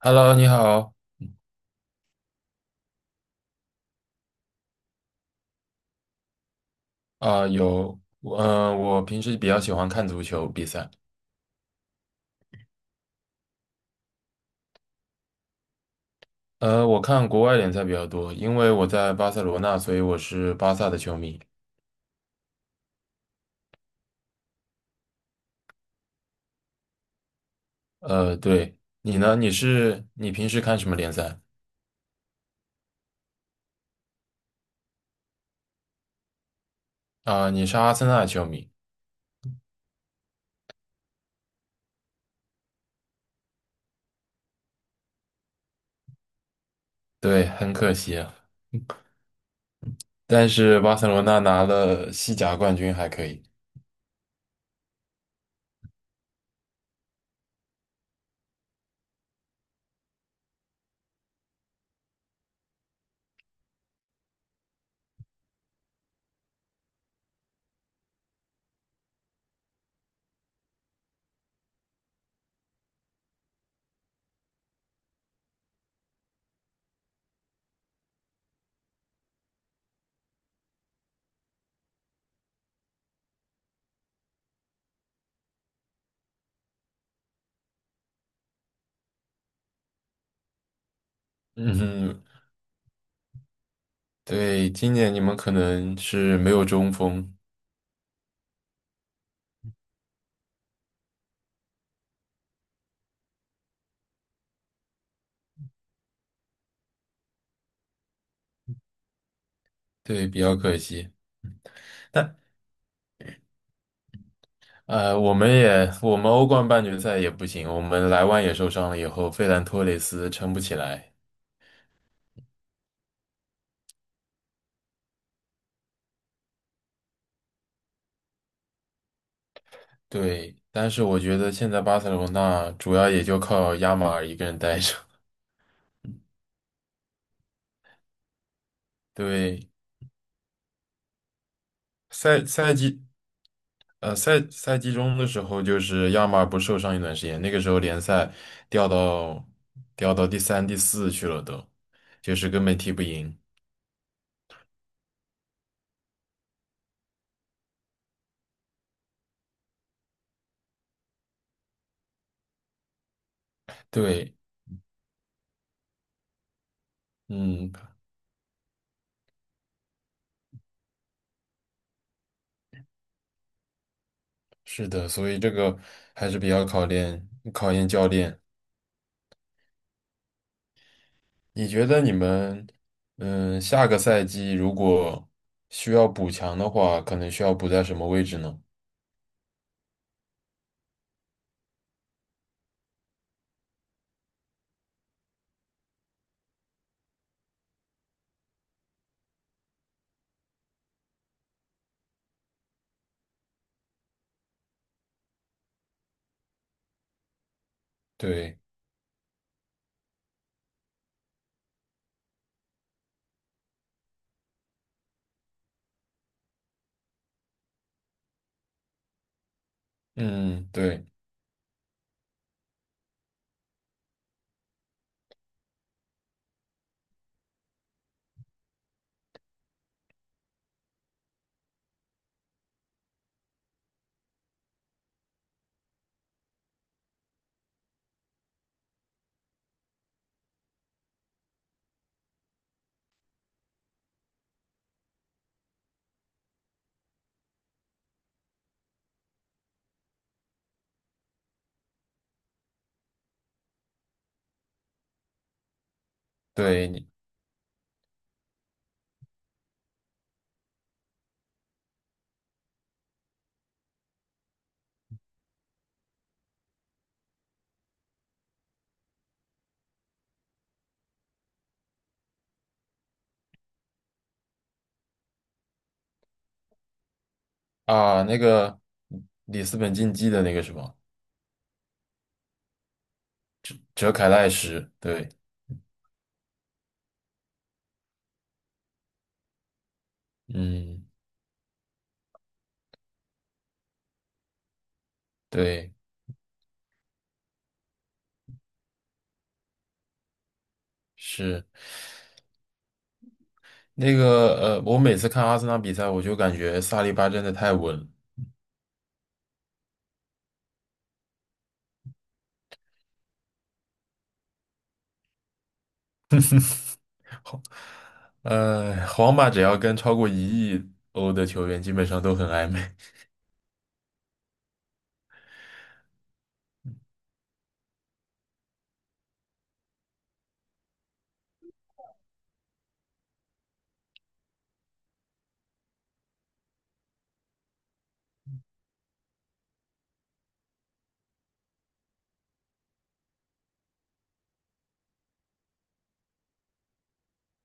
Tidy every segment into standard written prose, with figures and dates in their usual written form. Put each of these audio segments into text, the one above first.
Hello，你好。啊、有，我平时比较喜欢看足球比赛。我看国外联赛比较多，因为我在巴塞罗那，所以我是巴萨的球迷。对。你呢？你平时看什么联赛？啊、你是阿森纳的球迷。对，很可惜啊。但是巴塞罗那拿了西甲冠军，还可以。嗯哼。对，今年你们可能是没有中锋，对，比较可惜。我们欧冠半决赛也不行，我们莱万也受伤了以后，费兰托雷斯撑不起来。对，但是我觉得现在巴塞罗那主要也就靠亚马尔一个人带着。对。赛赛季，赛季中的时候，就是亚马尔不是受伤一段时间，那个时候联赛掉到掉到第三、第四去了都，就是根本踢不赢。对。嗯。是的，所以这个还是比较考验教练。你觉得你们，下个赛季如果需要补强的话，可能需要补在什么位置呢？对。嗯。对。对。你啊，那个里斯本竞技的那个什么，哲凯赖什。对。嗯。对，是那个我每次看阿森纳比赛，我就感觉萨利巴真的太稳了。皇皇马只要跟超过1亿欧的球员，基本上都很暧昧。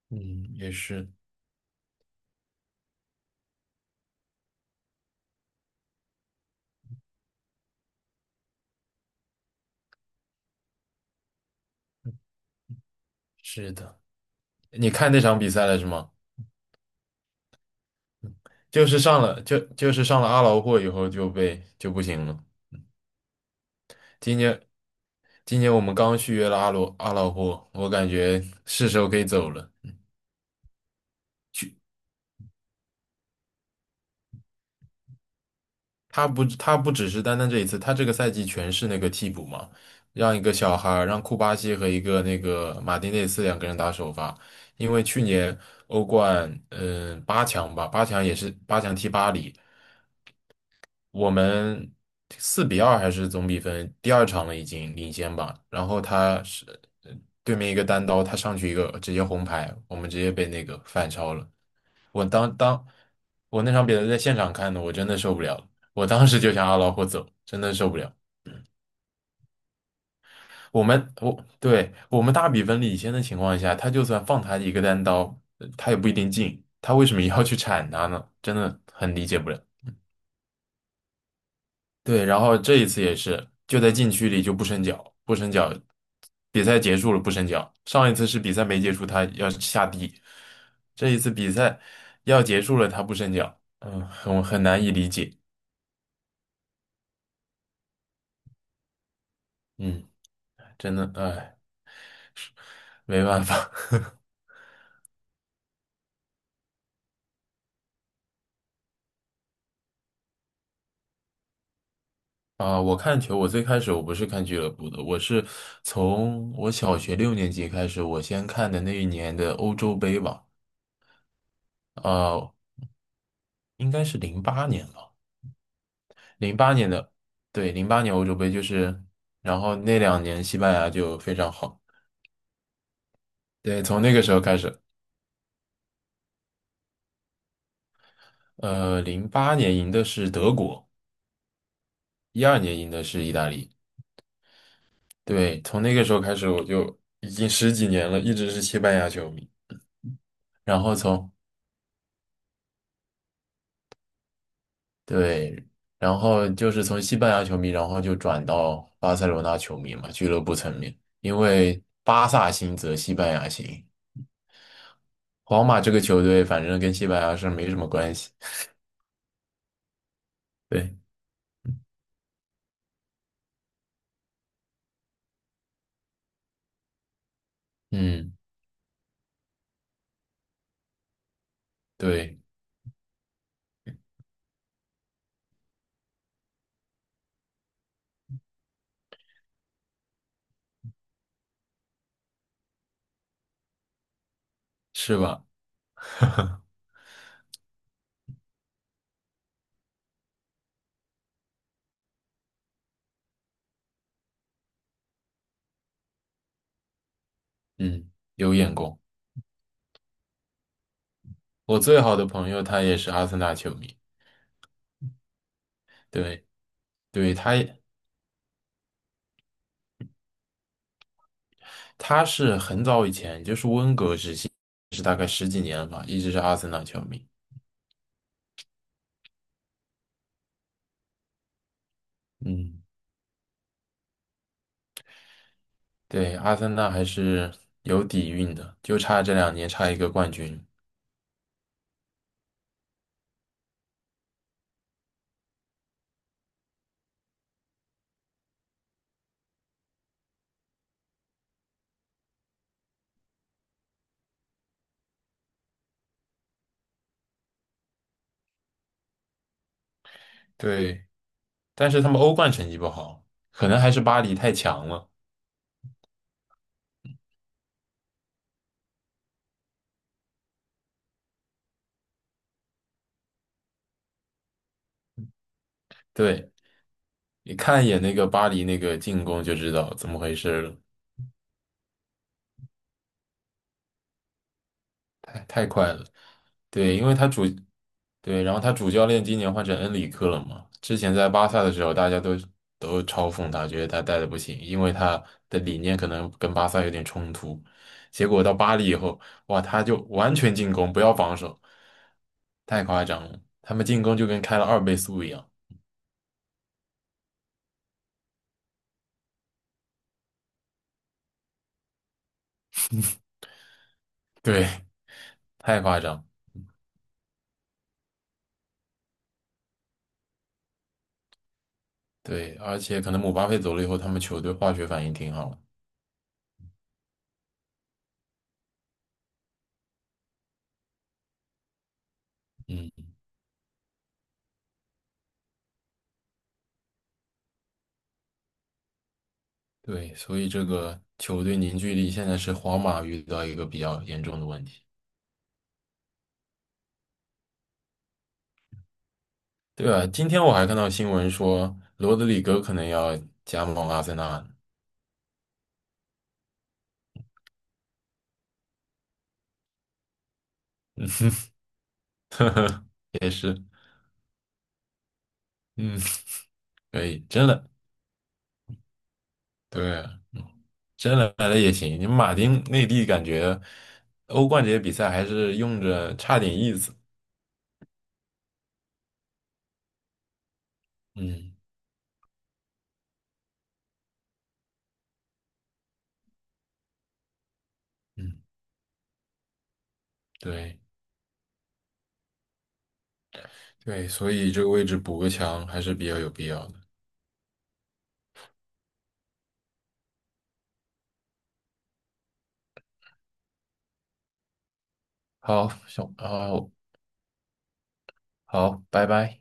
嗯，也是。是的。你看那场比赛了是吗？就是上了就就是上了阿劳霍以后就不行了。今年今年我们刚续约了阿劳霍，我感觉是时候可以走了。他不只是单单这一次。他这个赛季全是那个替补嘛，让一个小孩儿让库巴西和一个那个马丁内斯两个人打首发。因为去年欧冠八强吧，八强也是八强踢巴黎，我们4-2还是总比分，第二场了已经领先吧。然后他是呃对面一个单刀，他上去一个直接红牌，我们直接被那个反超了。我当当我那场比赛在现场看的，我真的受不了了。我当时就想阿劳霍走，真的受不了。我们我对我们大比分领先的情况下，他就算放他一个单刀，他也不一定进。他为什么要去铲他呢？真的很理解不了。对，然后这一次也是，就在禁区里就不伸脚，不伸脚，比赛结束了不伸脚。上一次是比赛没结束，他要下地，这一次比赛要结束了，他不伸脚。嗯，很难以理解。嗯，真的，哎，没办法。啊，我看球，我最开始我不是看俱乐部的，我是从我小学六年级开始，我先看的那一年的欧洲杯吧。呃，应该是零八年吧。零八年的，对，零八年欧洲杯就是。然后那两年西班牙就非常好，对，从那个时候开始。零八年赢的是德国，12年赢的是意大利。对，从那个时候开始我就已经十几年了，一直是西班牙球迷。然后从，对，然后就是从西班牙球迷，然后就转到巴塞罗那球迷嘛，俱乐部层面。因为巴萨兴则西班牙兴，皇马这个球队反正跟西班牙是没什么关系，对。嗯。对，是吧？嗯，有眼光。我最好的朋友他也是阿森纳球迷。对。对。他是很早以前，就是温格时期，是大概十几年了吧，一直是阿森纳球迷。嗯。对，阿森纳还是有底蕴的，就差这两年差一个冠军。对，但是他们欧冠成绩不好，可能还是巴黎太强了。对，你看一眼那个巴黎那个进攻就知道怎么回事了。太快了。对，因为他主，对，然后他主教练今年换成恩里克了嘛。之前在巴萨的时候，大家都嘲讽他，觉得他带的不行，因为他的理念可能跟巴萨有点冲突。结果到巴黎以后，哇，他就完全进攻，不要防守，太夸张了。他们进攻就跟开了2倍速一样，对，太夸张。对，而且可能姆巴佩走了以后，他们球队化学反应挺好的。嗯。对，所以这个球队凝聚力现在是皇马遇到一个比较严重的问题。对啊，今天我还看到新闻说罗德里戈可能要加盟阿森纳。也是，嗯，可以，真的，对啊，真的来了也行。你马丁内地感觉欧冠这些比赛还是用着差点意思。嗯嗯，对对，所以这个位置补个强还是比较有必要的。好，好，好，拜拜。